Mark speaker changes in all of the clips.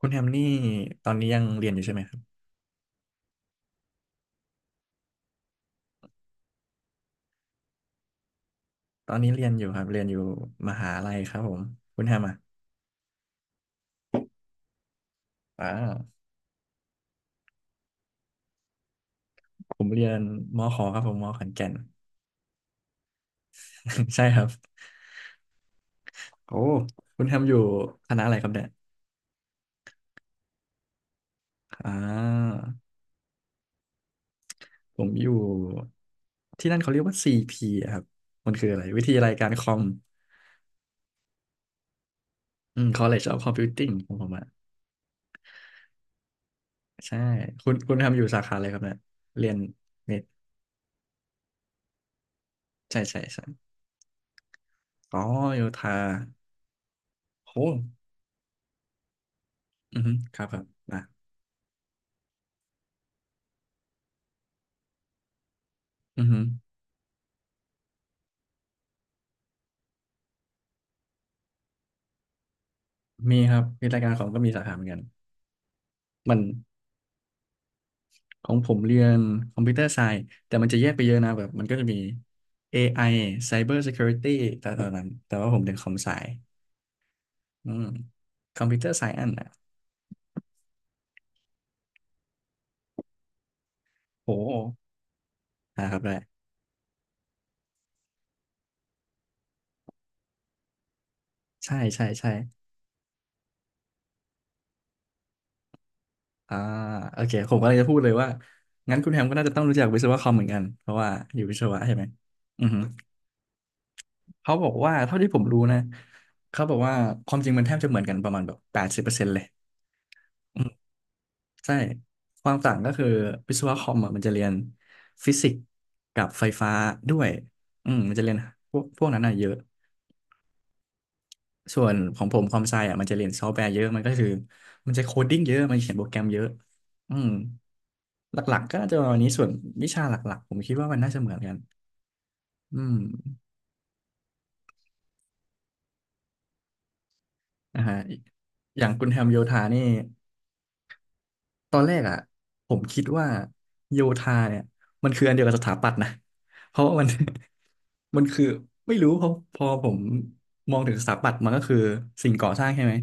Speaker 1: คุณแฮมนี่ตอนนี้ยังเรียนอยู่ใช่ไหมครับตอนนี้เรียนอยู่ครับเรียนอยู่มหาลัยครับผมคุณแฮมอ่ะอ่าผมเรียนมขครับผมมขอนแก่น ใช่ครับโอ้คุณแฮมอยู่คณะอะไรครับเนี่ยอ่าผมอยู่ที่นั่นเขาเรียกว่า CP อะครับมันคืออะไรวิทยาลัยการคอมอืม College of Computing ของผมอ่ะใช่คุณคุณแฮมอยู่สาขาอะไรครับเนี่ยเรียนเน็ตใช่ใช่ใช่อ๋อโยู่ทาโอ้อือฮึครับครับนะ อือหือมีครับมีรายการของก็มีสาขาเหมือนกัน มันของผมเรียนคอมพิวเตอร์ไซน์แต่มันจะแยกไปเยอะนะแบบมันก็จะมี AI Cyber Security แต่ตอนนั้นแต่ว่าผมเรียนคอมไซอืมคอมพิวเตอร์ไซอันอ่ะโหนะครับแหละใช่ใช่ใช่อ่าโอเคผมก็เลยจะพูดเลยว่างั้นคุณแฮมก็น่าจะต้องรู้จักวิศวะคอมเหมือนกันเพราะว่าอยู่วิศวะใช่ไหมอือฮึเขาบอกว่าเท่าที่ผมรู้นะเขาบอกว่าความจริงมันแทบจะเหมือนกันประมาณแบบ80%เลย ใช่ความต่างก็คือวิศวะคอมอ่ะมันจะเรียนฟิสิกส์กับไฟฟ้าด้วยอืมมันจะเรียนพวกนั้นอ่ะเยอะส่วนของผมความไซอ่ะมันจะเรียนซอฟต์แวร์เยอะ มันก็คือมันจะโคดดิ้งเยอะมันเขียนโปรแกรมเยอะอืมหลักๆก็น่าจะประมาณนี้ส่วนวิชาหลักๆผมคิดว่ามันน่าจะเหมือนกันอืมอ่าฮะอย่างคุณแฮมโยธานี่ ตอนแรกอ่ะผมคิดว่าโยธาเนี่ยมันคืออันเดียวกับสถาปัตย์นะ เพราะว่ามัน มันคือไม่รู้เพอพอผมมองถึงสถาปัตย์มันก็คือสิ่งก่อสร้างใช่ไหม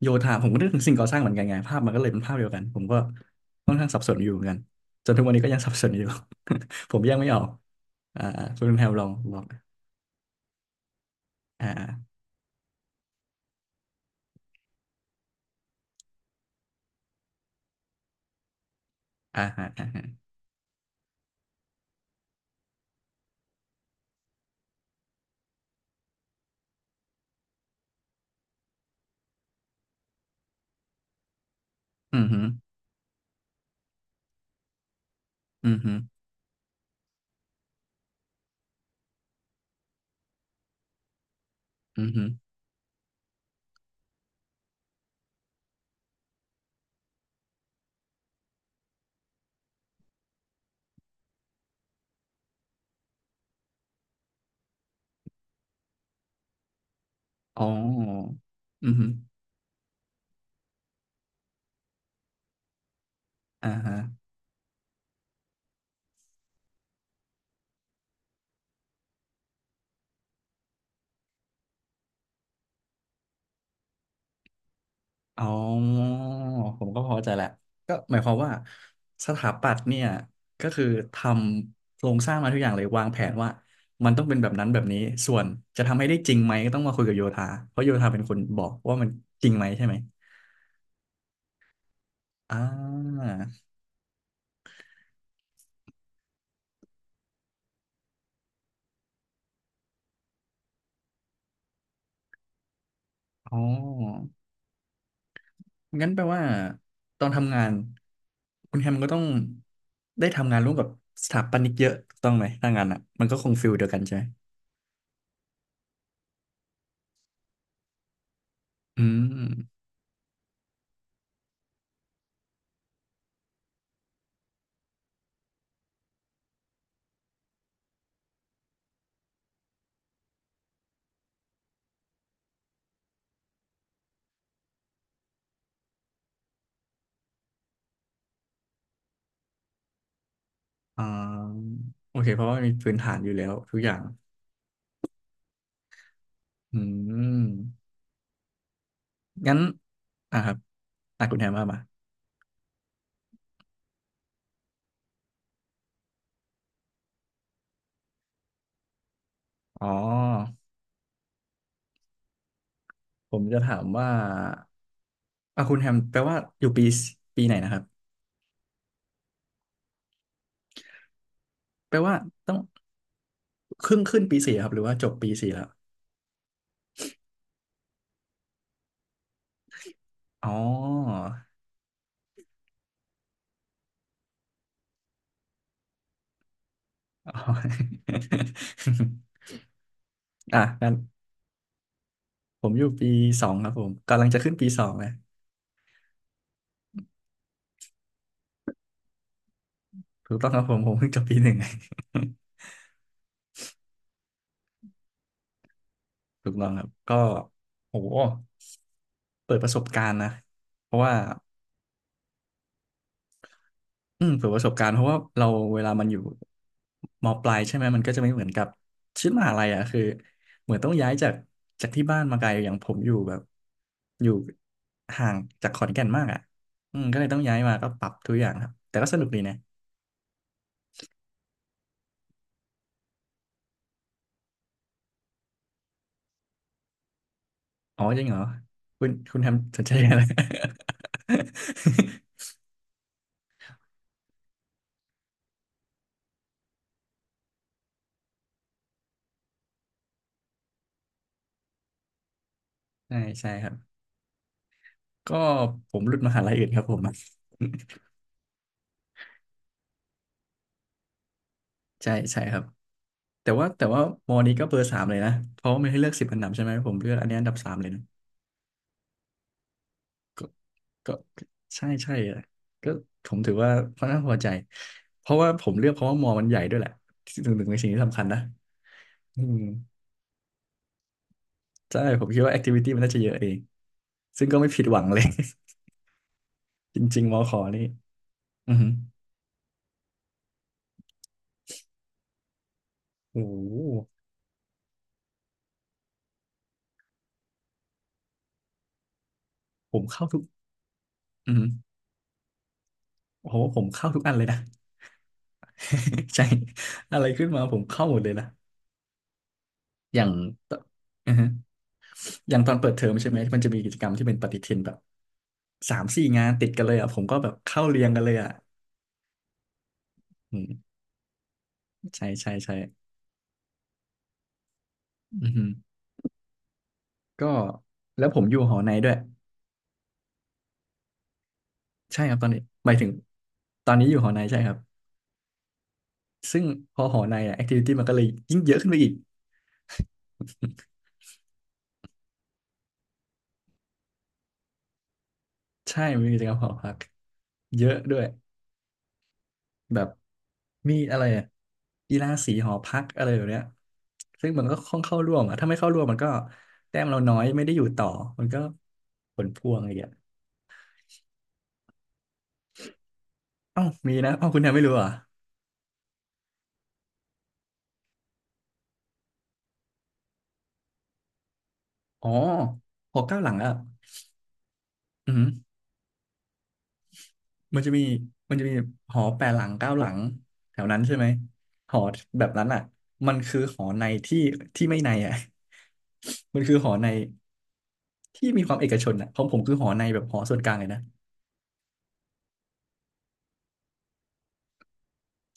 Speaker 1: โยธาผมก็นึกถึงสิ่งก่อสร้างเหมือนกันไงภาพมันก็เลยเป็นภาพเดียวกันผมก็ค่อนข้างสับสนอยู่เหมือนกันจนทุกวันนี้ก็ยังสับสนอยู่ ผมแยกไม่ออกอ่าคุณแพรลองอ่าอ่าอ่าอ่าอ่าอือฮึอือฮึอือฮึอ๋ออือฮึออ่าฮะ อ๋อผมก็พอใจแหละก็หมายความว่าสถาปัตย์เนี่ยก็คือทำโครงสร้างมาทุกอย่างเลยวางแผนว่ามันต้องเป็นแบบนั้นแบบนี้ส่วนจะทำให้ได้จริงไหมก็ต้องมาคุยกับโยธาเพราะโยธาเป็นคนบอกว่ามันจริงไหมใช่ไหมอ่าอ๋องั้นแปลว่าตอนทำงานคุณแฮมก็ต้องได้ทำงานร่วมกับสถาปนิกเยอะถูกต้องไหมถ้างานอ่ะมันก็คงฟิลเดียวกันใช่ไหมอืม อ่าโอเคเพราะว่ามีพื้นฐานอยู่แล้วทุกอย่างอืมงั้นอ่ะครับอ่ะคุณแฮมว่ามาอ๋อผมจะถามว่าอ่ะคุณแฮมแปลว่าอยู่ปีปีไหนนะครับแปลว่าต้องครึ่งขึ้นปีสี่ครับหรือว่าจบปีสี่แล้วอ๋ออ๋อ อ่ะงั้นผมอยู่ปีสองครับผมกำลังจะขึ้นปีสองเลยถูกต้องครับผมผมเพิ่งจบปี 1 ถูกต้องครับก็โหเปิดประสบการณ์นะเพราะว่าอืมเปิดประสบการณ์เพราะว่าเราเวลามันอยู่มปลายใช่ไหมมันก็จะไม่เหมือนกับชีวิตมหาลัยอ่ะคือเหมือนต้องย้ายจากจากที่บ้านมาไกลอย่างผมอยู่แบบอยู่ห่างจากขอนแก่นมากอ่ะอืมก็เลยต้องย้ายมาก็ปรับทุกอย่างครับแต่ก็สนุกดีนะอ๋อจริงเหรอคุณคุณทำสนใจอะไร ใช่ใช่ครับก็ผมหลุดมหาลัยอื่นครับผม ใช่ใช่ครับแต่ว่าแต่ว่ามอนี้ก็เบอร์ 3เลยนะเพราะว่ามันให้เลือก10 อันดับใช่ไหมผมเลือกอันนี้อันดับ 3เลยนะก็ก็ก็ใช่ใช่อะก็ผมถือว่าค่อนข้างพอใจเพราะว่าผมเลือกเพราะว่ามอมันใหญ่ด้วยแหละหนึ่งในสิ่งที่สำคัญนะอืมใช่ผมคิดว่าแอคทิวิตี้มันน่าจะเยอะเองซึ่งก็ไม่ผิดหวังเลย จริงๆมอขอนี่อือหือโอ้โหผมเข้าทุกอือหือโอ้โหผมเข้าทุกอันเลยนะ ใช่อะไรขึ้นมาผมเข้าหมดเลยนะอย่างอือ อย่างตอนเปิดเทอมใช่ไหมมันจะมีกิจกรรมที่เป็นปฏิทินแบบ3-4งานติดกันเลยอ่ะผมก็แบบเข้าเรียงกันเลยอ่ะอืมใช่ใช่ใช่อือฮึก็แล้วผมอยู่หอในด้วยใช่ครับตอนนี้หมายถึงตอนนี้อยู่หอในใช่ครับซึ่งพอหอในอ่ะแอคทิวิตี้มันก็เลยยิ่งเยอะขึ้นไปอีกใช่มันมีกิจกรรมหอพักเยอะด้วย แบบมีอะไรอะกีฬาสีหอพักอะไรแบบเนี้ยซึ่งมันก็ค่อนเข้าร่วมอะถ้าไม่เข้าร่วมมันก็แต้มเราน้อยไม่ได้อยู่ต่อมันก็ผลพวงอะไรอย่างเงี้ยเอ้ามีนะเอ้าคุณแทนไม่รู้เหรอ่ะอ๋อหอเก้าหลังอ่ะอืมมันจะมีมันจะมีหอแปดหลังเก้าหลังแถวนั้นใช่ไหมหอแบบนั้นอ่ะมันคือหอในที่ที่ไม่ในอ่ะ มันคือหอในที่มีความเอกชนอ่ะของผมคือหอในแบบหอส่วนกลางเลยนะ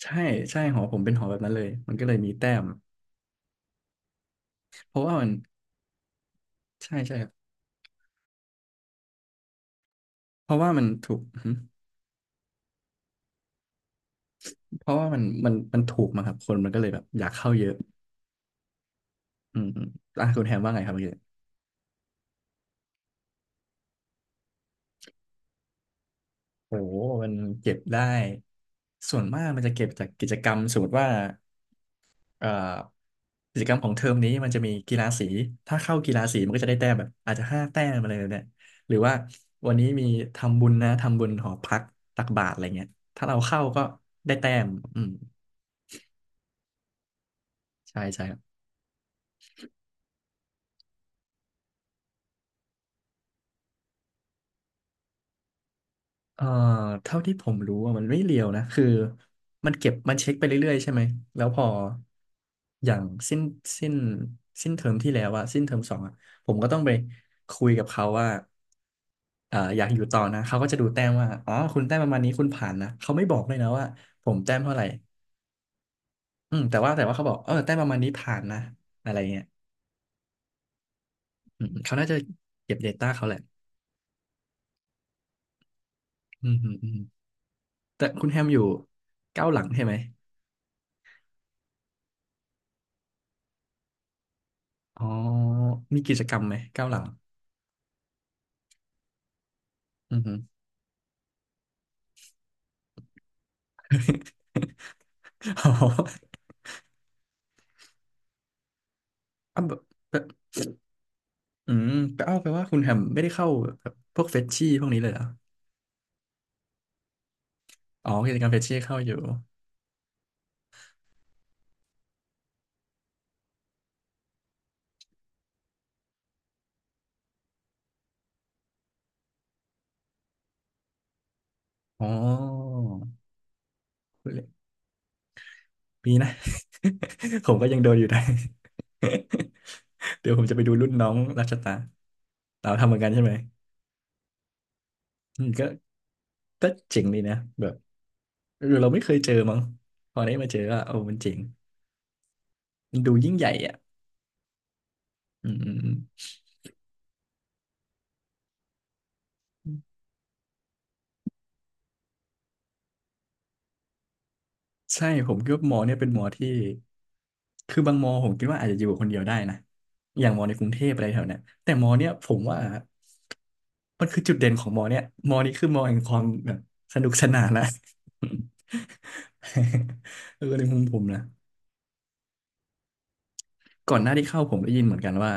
Speaker 1: ใช่ใช่หอผมเป็นหอแบบนั้นเลยมันก็เลยมีแต้มเพราะว่ามันใช่ใช่ครับเพราะว่ามันถูกหึเพราะว่ามันถูกมาครับคนมันก็เลยแบบอยากเข้าเยอะอืมอืมอ่ะคุณแฮมว่าไงครับเมื่อกี้โอ้โหมันเก็บได้ส่วนมากมันจะเก็บจากกิจกรรมสมมติว่าเอ่อกิจกรรมของเทอมนี้มันจะมีกีฬาสีถ้าเข้ากีฬาสีมันก็จะได้แต้มแบบอาจจะ5 แต้มอะไรแบบเนี่ยหรือว่าวันนี้มีทำบุญนะทำบุญหอพักตักบาตรอะไรเงี้ยถ้าเราเข้าก็ได้แต้มอืมใช่ใช่ เอ่อเท่าที่ผมรู้อะมันไม่เรียวนะคือมันเก็บมันเช็คไปเรื่อยๆใช่ไหมแล้วพออย่างสิ้นสิ้นสิ้นเทอมที่แล้วอะสิ้นเทอมสองอะผมก็ต้องไปคุยกับเขาว่าอยากอยู่ต่อนะเขาก็จะดูแต้มว่าอ๋อคุณแต้มประมาณนี้คุณผ่านนะเขาไม่บอกเลยนะว่าผมแต้มเท่าไหร่อืมแต่ว่าเขาบอกเออแต้มประมาณนี้ผ่านนะอะไรเงี้ยอืมเขาน่าจะเก็บ Data เขาแหละอืมอืมอืมแต่คุณแฮมอยู่เก้าหลังใช่ไหมอ๋อมีกิจกรรมไหมเก้าหลัง อือหือ อ๋ออ้าวแบบแบบอืมแปลเอ้าวแปลว่าคุณแฮมไม่ได้เข้าแบบพวกเฟชชี่พวกนี้เลยเหรออ๋อกิจกรรมเฟชชี่เข้าอยู่อ๋อปีนะ ผมก็ยังโดนอยู่น้ เดี๋ยวผมจะไปดูรุ่นน้องรัชตาเราทำเหมือนกันใช่ไหมอืมก็เจ๋งดีนะแบบเออเราไม่เคยเจอมั้งพอได้มาเจอก็โอ้มันเจ๋งมันดูยิ่งใหญ่อ่ะอืม ใช่ผมคิดว่าหมอเนี่ยเป็นหมอที่คือบางมอผมคิดว่าอาจจะอยู่คนเดียวได้นะอย่างมอในกรุงเทพอะไรแถวเนี้ยแต่มอเนี่ยผมว่ามันคือจุดเด่นของมอเนี่ยมอนี้คือมอแห่งความแบบสนุกสนานนะ เออในมุมผมนะก่อนหน้าที่เข้าผมได้ยินเหมือนกันว่า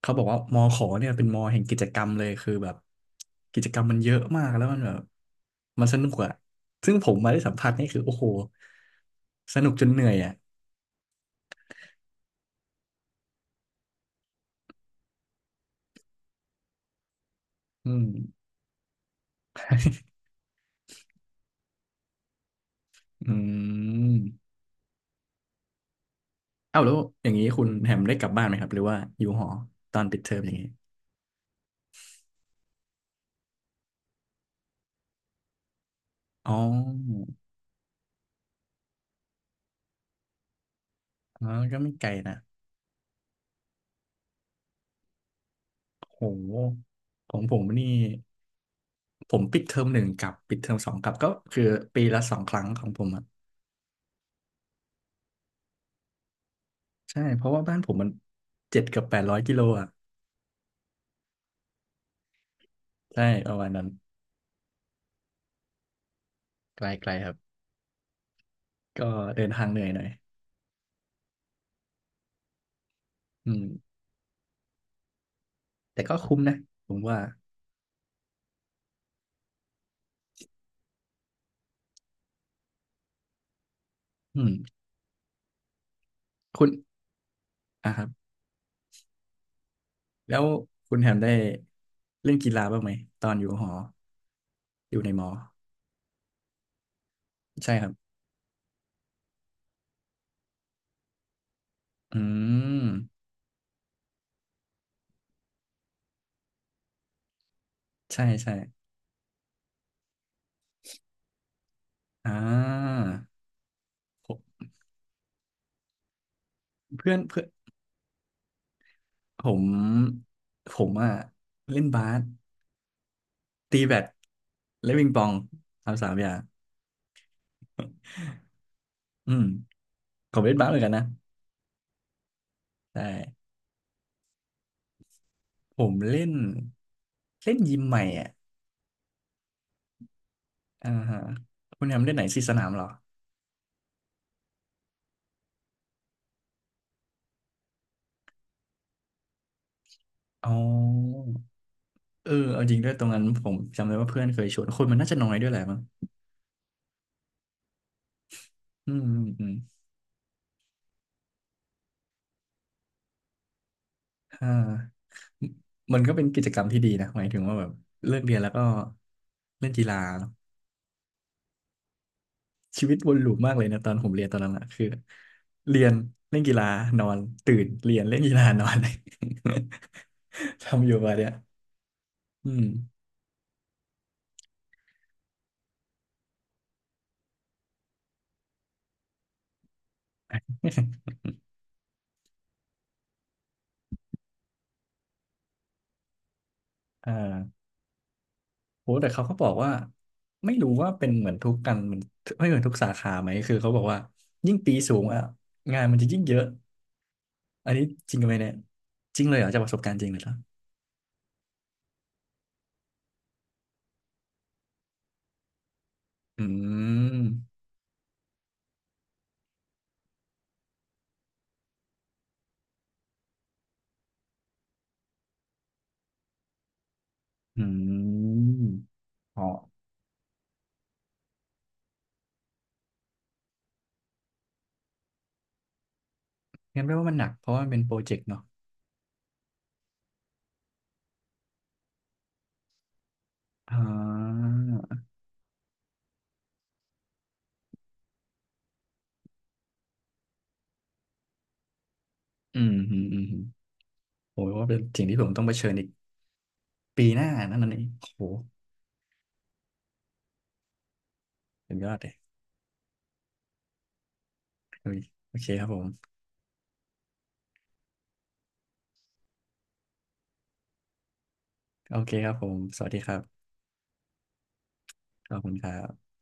Speaker 1: เขาบอกว่ามอขอเนี่ยเป็นมอแห่งกิจกรรมเลยคือแบบกิจกรรมมันเยอะมากแล้วมันแบบมันสนุกอะซึ่งผมมาได้สัมผัสนี่คือโอ้โหสนุกจนเหนื่อยอะอืม อืม เอ้าแล้วอย่างนี้คุณแฮมได้กลับบ้านไหมครับหรือว่าอยู่หอตอนปิดเทอมอย่างนี้อ๋ออ๋อ ก็ไม่ไกลนะโหของผมนี่ผมปิดเทอมหนึ่งกลับปิดเทอมสองกลับก็คือปีละ 2 ครั้งของผมอ่ะใช่ เพราะว่าบ้านผมมัน7-800 กิโลอ่ะใช่ประมาณนั้นไกลๆครับ ก็เดินทางเหนื่อยหน่อยอืมแต่ก็คุ้มนะผมว่าอืมคุณอ่ะครับ แล้วคุณแฮมได้เล่นกีฬาบ้างไหมตอนอยู่หออยู่ในมอใช่ครับอืมใช่ใช่อ่าผมเพื่อนเพื่อนผมผมอ่ะเล่นบาสตีแบดและวิงปองทำสามอย่างอืมผมเล่นบาสเหมือนกันนะใช่ผมเล่นเล่นยิมใหม่อ่ะอ่าฮะคุณแฮมเล่นไหนสี่สนามเหรออ๋อเออเอาจริงด้วยตรงนั้นผมจำได้ว่าเพื่อนเคยชวนคนมันน่าจะน้อยด้วยแหละมั้ง อืมอืมอืมอ่ามันก็เป็นกิจกรรมที่ดีนะหมายถึงว่าแบบเลิกเรียนแล้วก็เล่นกีฬาเนอะชีวิตวนลูปมากเลยนะตอนผมเรียนตอนนั้นอะคือเรียนเล่นกีฬานอนตื่นเรียนเล่นกีฬานอน ทำอยู่มาเนี่ยอืมอ่าโหแต่เขาก็บอกว่าไม่รู้ว่าเป็นเหมือนทุกกันเหมือนไม่เหมือนทุกสาขาไหมคือเขาบอกว่ายิ่งปีสูงอ่ะงานมันจะยิ่งเยอะอันนี้จริงไหมเนี่ยจริงเลยเหรอจากประสบการณ์จริงเลยเหรอ อืมอืมอ๋องั้นแปลว่ามันหนักเพราะว่ามันเป็นโปรเจกต์เนาะอ่าอืมอืมอืมโอ้ยว่าเป็นสิ่งที่ผมต้องเผชิญอีกปีหน้านั่นเองโอ้โหเป็นยอดเลยโอเคครับผมโอเคครับผมสวัสดีครับขอบคุณครับ